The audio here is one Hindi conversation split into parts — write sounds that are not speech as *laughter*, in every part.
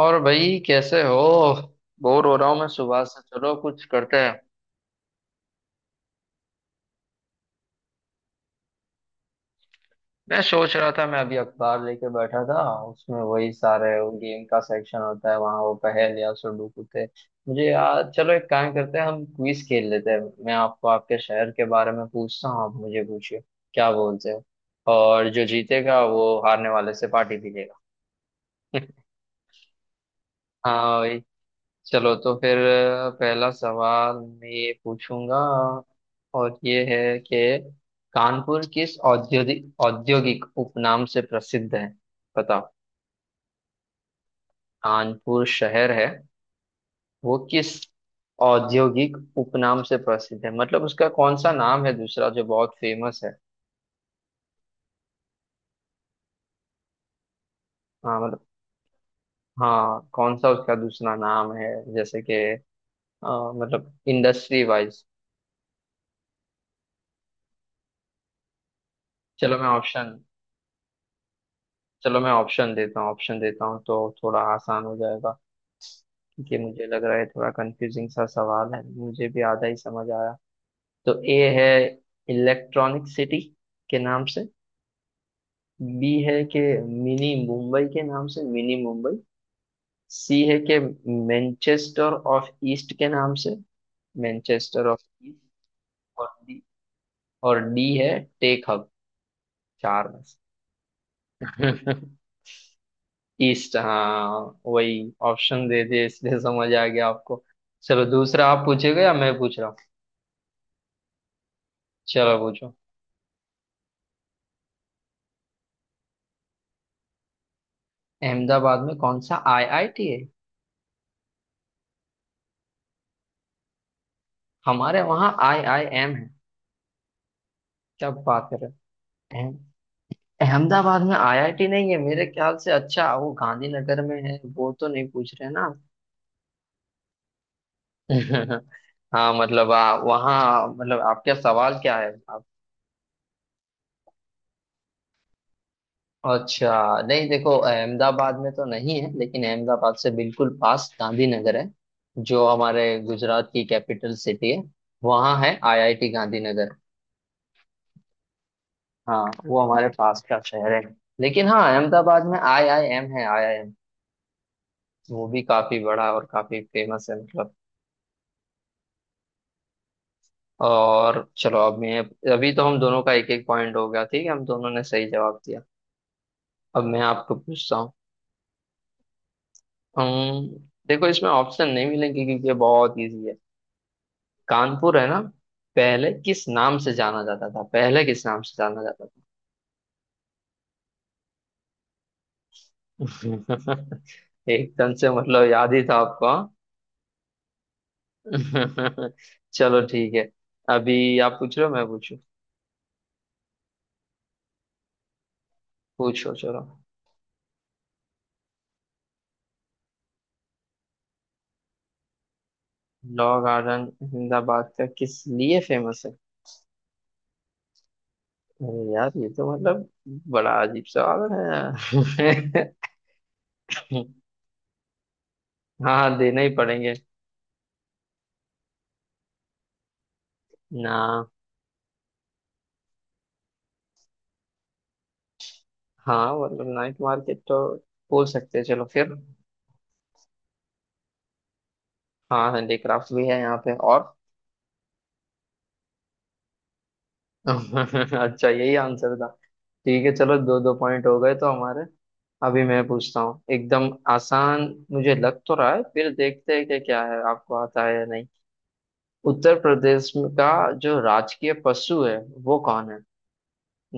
और भाई कैसे हो। बोर हो रहा हूँ मैं सुबह से। चलो कुछ करते हैं। मैं सोच रहा था, मैं अभी अखबार लेके बैठा था। उसमें वही सारे वो गेम का सेक्शन होता है, वहाँ वो पहेलियाँ सुडोकू थे। मुझे याद, चलो एक काम करते हैं, हम क्विज खेल लेते हैं। मैं आपको आपके शहर के बारे में पूछता हूँ, आप मुझे पूछिए। क्या बोलते हो। और जो जीतेगा वो हारने वाले से पार्टी भी लेगा। *laughs* हाँ। चलो तो फिर पहला सवाल मैं ये पूछूंगा, और ये है कि कानपुर किस औद्योगिक औद्योगिक उपनाम से प्रसिद्ध है। बताओ। कानपुर शहर है, वो किस औद्योगिक उपनाम से प्रसिद्ध है, मतलब उसका कौन सा नाम है दूसरा जो बहुत फेमस है। हाँ मतलब, हाँ कौन सा उसका दूसरा नाम है, जैसे कि अ, मतलब इंडस्ट्री वाइज। चलो मैं ऑप्शन चलो मैं ऑप्शन देता हूँ तो थोड़ा आसान हो जाएगा। ये मुझे लग रहा है थोड़ा कंफ्यूजिंग सा सवाल है, मुझे भी आधा ही समझ आया। तो ए है इलेक्ट्रॉनिक सिटी के नाम से। बी है कि मिनी मुंबई के नाम से, मिनी मुंबई। सी है कि मैनचेस्टर ऑफ ईस्ट के नाम से, मैनचेस्टर ऑफ ईस्ट। और डी, और डी है टेक हब। चार में से। *laughs* ईस्ट हाँ। वही ऑप्शन दे दिए इसलिए समझ आ गया आपको। चलो दूसरा आप पूछेगा या मैं पूछ रहा हूँ। चलो पूछो। अहमदाबाद में कौन सा आईआईटी है। हमारे वहाँ आईआईएम है, क्या बात कर रहे हो। अहम- अहमदाबाद में आईआईटी नहीं है मेरे ख्याल से। अच्छा वो गांधीनगर में है, वो तो नहीं पूछ रहे ना। *laughs* हाँ मतलब वहाँ, मतलब आपका सवाल क्या है आप। अच्छा नहीं देखो, अहमदाबाद में तो नहीं है लेकिन अहमदाबाद से बिल्कुल पास गांधीनगर है, जो हमारे गुजरात की कैपिटल सिटी है। वहाँ है आईआईटी गांधीनगर। हाँ वो हमारे पास का शहर है। लेकिन हाँ, अहमदाबाद में आई आई एम है, आई आई एम। वो भी काफी बड़ा और काफी फेमस है मतलब। और चलो अब मैं, अभी तो हम दोनों का एक एक पॉइंट हो गया, ठीक है, हम दोनों ने सही जवाब दिया। अब मैं आपको पूछता हूँ। अम्म, देखो इसमें ऑप्शन नहीं मिलेंगे क्योंकि ये बहुत इजी है। कानपुर है ना, पहले किस नाम से जाना जाता था, पहले किस नाम से जाना जाता था। *laughs* एकदम से मतलब याद ही था आपको हाँ। *laughs* चलो ठीक है। अभी आप पूछ रहे हो मैं पूछू। पूछो चलो। लॉ गार्डन अहमदाबाद का किस लिए फेमस है। अरे यार ये तो मतलब बड़ा अजीब सवाल है। *laughs* हाँ देना ही पड़ेंगे ना। हाँ मतलब नाइट मार्केट तो बोल सकते हैं, चलो फिर। हाँ हैंडीक्राफ्ट भी है यहाँ पे और। अच्छा यही आंसर था। ठीक है चलो दो दो पॉइंट हो गए तो हमारे। अभी मैं पूछता हूँ एकदम आसान, मुझे लग तो रहा है, फिर देखते हैं कि क्या है, आपको आता है या नहीं। का जो राजकीय पशु है वो कौन है,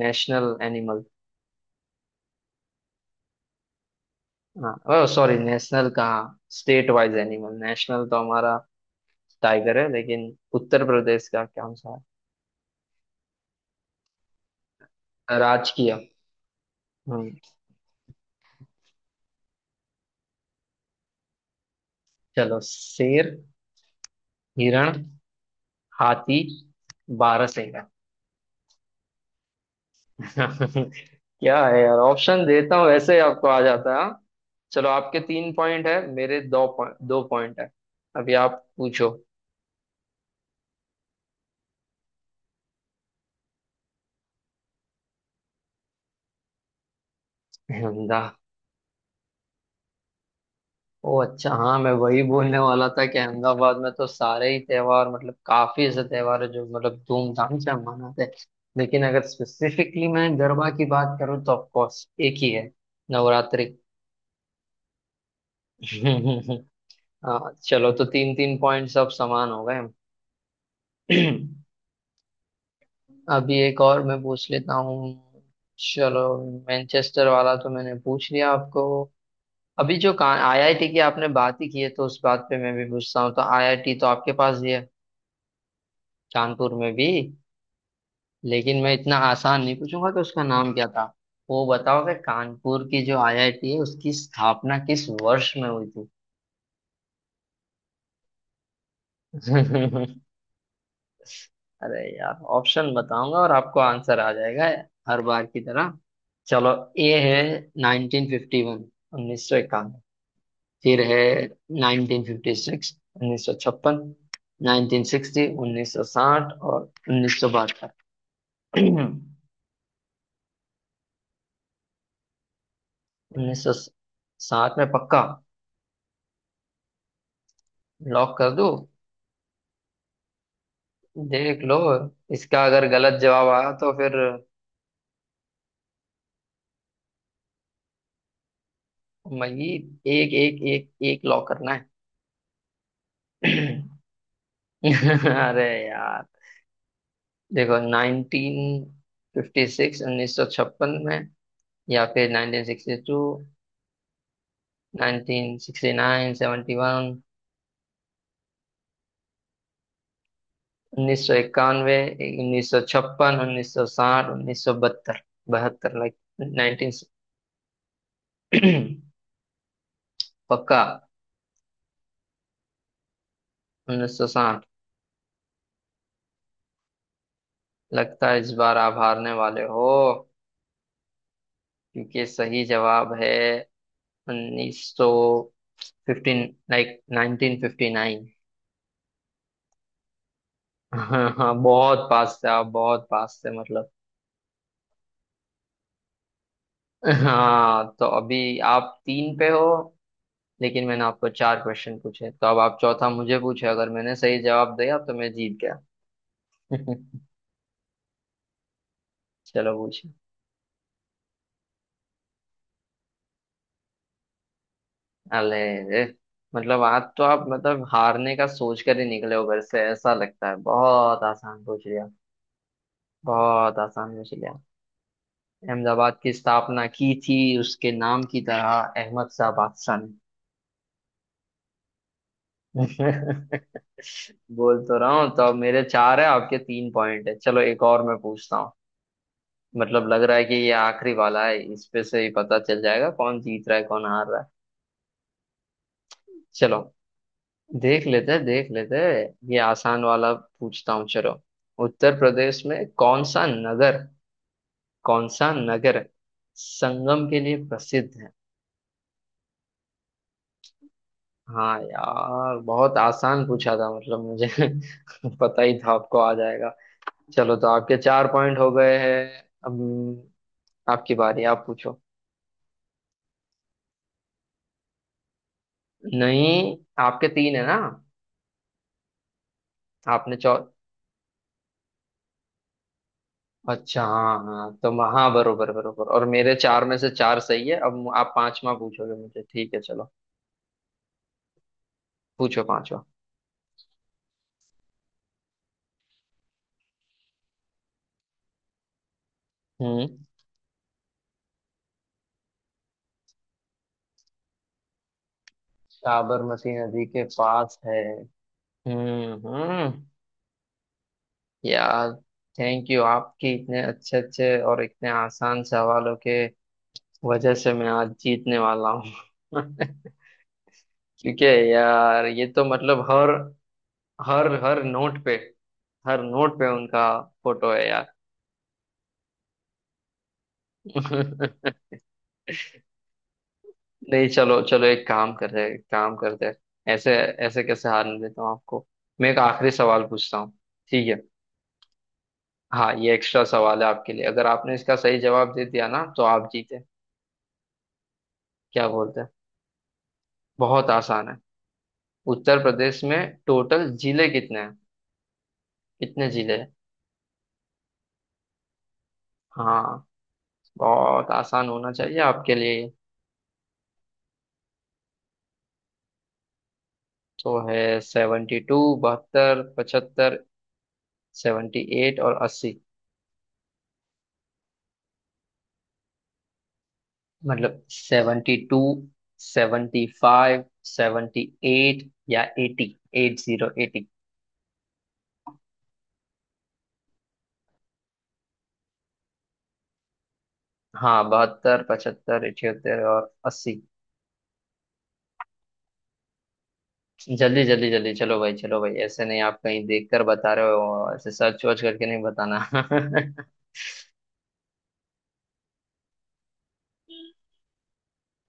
नेशनल एनिमल। हाँ ओह सॉरी नेशनल कहाँ, स्टेट वाइज एनिमल, नेशनल तो हमारा टाइगर है, लेकिन उत्तर प्रदेश का कौन सा है राजकीय। हम्म। चलो, शेर, हिरण, हाथी, बारहसिंगा। *laughs* क्या है यार, ऑप्शन देता हूँ वैसे ही आपको आ जाता है हाँ? चलो आपके तीन पॉइंट है, मेरे दो पॉइंट है। अभी आप पूछो। अहमदा ओ अच्छा हाँ, मैं वही बोलने वाला था कि अहमदाबाद में तो सारे ही त्योहार, मतलब काफी ऐसे त्योहार है जो मतलब धूमधाम से हम मनाते हैं। लेकिन अगर स्पेसिफिकली मैं गरबा की बात करूँ तो ऑफकोर्स एक ही है, नवरात्रि। *laughs* हाँ चलो तो तीन तीन पॉइंट्स अब समान हो गए। *clears throat* अभी एक और मैं पूछ लेता हूँ। चलो, मैनचेस्टर वाला तो मैंने पूछ लिया आपको। अभी जो आईआईटी की आपने बात ही की है, तो उस बात पे मैं भी पूछता हूँ, तो आईआईटी तो आपके पास ही है कानपुर में भी। लेकिन मैं इतना आसान नहीं पूछूंगा कि उसका नाम क्या था, वो बताओ कि कानपुर की जो आईआईटी है उसकी स्थापना किस वर्ष में हुई थी। *laughs* अरे यार ऑप्शन बताऊंगा और आपको आंसर आ जाएगा हर बार की तरह। चलो, ए है 1951, 1951। फिर है 1956, 1956, 1960, 1960 और 1972। 1960 *clears throat* में पक्का, लॉक कर दूं। देख लो, इसका अगर गलत जवाब आया तो फिर मजीद एक एक एक एक लॉक करना है। *clears throat* *laughs* अरे यार। देखो, 1956, 1956 में, या फिर 1962, 1969, 71, 1991, 1956, 1960, 1972, 72 लाइक नाइनटीन *clears throat* पक्का, 1960। लगता है इस बार आप हारने वाले हो, क्योंकि सही जवाब है 1915 लाइक 1959। *laughs* हाँ हाँ बहुत पास थे आप, बहुत पास थे मतलब। हाँ तो अभी आप तीन पे हो, लेकिन मैंने आपको चार क्वेश्चन पूछे, तो अब आप चौथा मुझे पूछे, अगर मैंने सही जवाब दिया तो मैं जीत गया। *laughs* चलो पूछे। अले रे, मतलब आज तो आप मतलब हारने का सोच कर ही निकले हो घर से ऐसा लगता है, बहुत आसान पूछ लिया, बहुत आसान पूछ लिया। अहमदाबाद की स्थापना की थी उसके नाम की तरह, अहमद शाह बादशाह ने। *laughs* बोल तो रहा हूँ, तो अब मेरे चार है आपके तीन पॉइंट है, चलो एक और मैं पूछता हूँ। मतलब लग रहा है कि ये आखिरी वाला है, इस पे से ही पता चल जाएगा कौन जीत रहा है कौन हार रहा है। चलो देख लेते हैं देख लेते हैं, ये आसान वाला पूछता हूँ चलो। उत्तर प्रदेश में कौन सा नगर, कौन सा नगर संगम के लिए प्रसिद्ध है। हाँ यार बहुत आसान पूछा था मतलब मुझे, *laughs* पता ही था आपको आ जाएगा। चलो तो आपके चार पॉइंट हो गए हैं, अब आपकी बारी, आप पूछो। नहीं आपके तीन है ना। आपने चौ अच्छा हाँ हाँ तो हाँ बरोबर बरोबर, और मेरे चार में से चार सही है। अब आप पांचवा पूछोगे मुझे, ठीक है चलो। पूछो पांचवा। हम्म। साबरमती नदी के पास है। हम्म हम्म, यार थैंक यू, आपके इतने अच्छे अच्छे और इतने आसान सवालों के वजह से मैं आज जीतने वाला हूँ। *laughs* क्योंकि यार ये तो मतलब हर हर हर नोट पे, हर नोट पे उनका फोटो है यार। *laughs* नहीं चलो चलो, एक काम करते हैं, एक काम करते हैं, ऐसे ऐसे कैसे हारने देता हूँ आपको, मैं एक आखिरी सवाल पूछता हूँ। ठीक है। हाँ ये एक्स्ट्रा सवाल है आपके लिए, अगर आपने इसका सही जवाब दे दिया ना तो आप जीते। क्या बोलते हैं, बहुत आसान है। उत्तर प्रदेश में टोटल जिले कितने हैं, कितने जिले हैं। हाँ बहुत आसान होना चाहिए आपके लिए। तो है 72 72, 75, 78 और 80। मतलब 72, 75, 78, या 80, 80। हाँ 72, पचहत्तर, 78 और 80। जल्दी जल्दी जल्दी चलो भाई चलो भाई, ऐसे नहीं, आप कहीं देखकर बता रहे हो, ऐसे सर्च वर्च करके नहीं बताना। *laughs*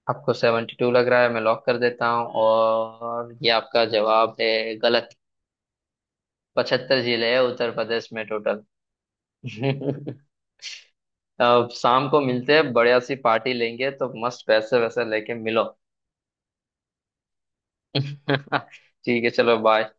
आपको 72 लग रहा है, मैं लॉक कर देता हूँ, और ये आपका जवाब है गलत। 75 जिले हैं उत्तर प्रदेश में टोटल। *laughs* अब शाम को मिलते हैं, बढ़िया सी पार्टी लेंगे, तो मस्त पैसे वैसे लेके मिलो। *laughs* ठीक है चलो बाय।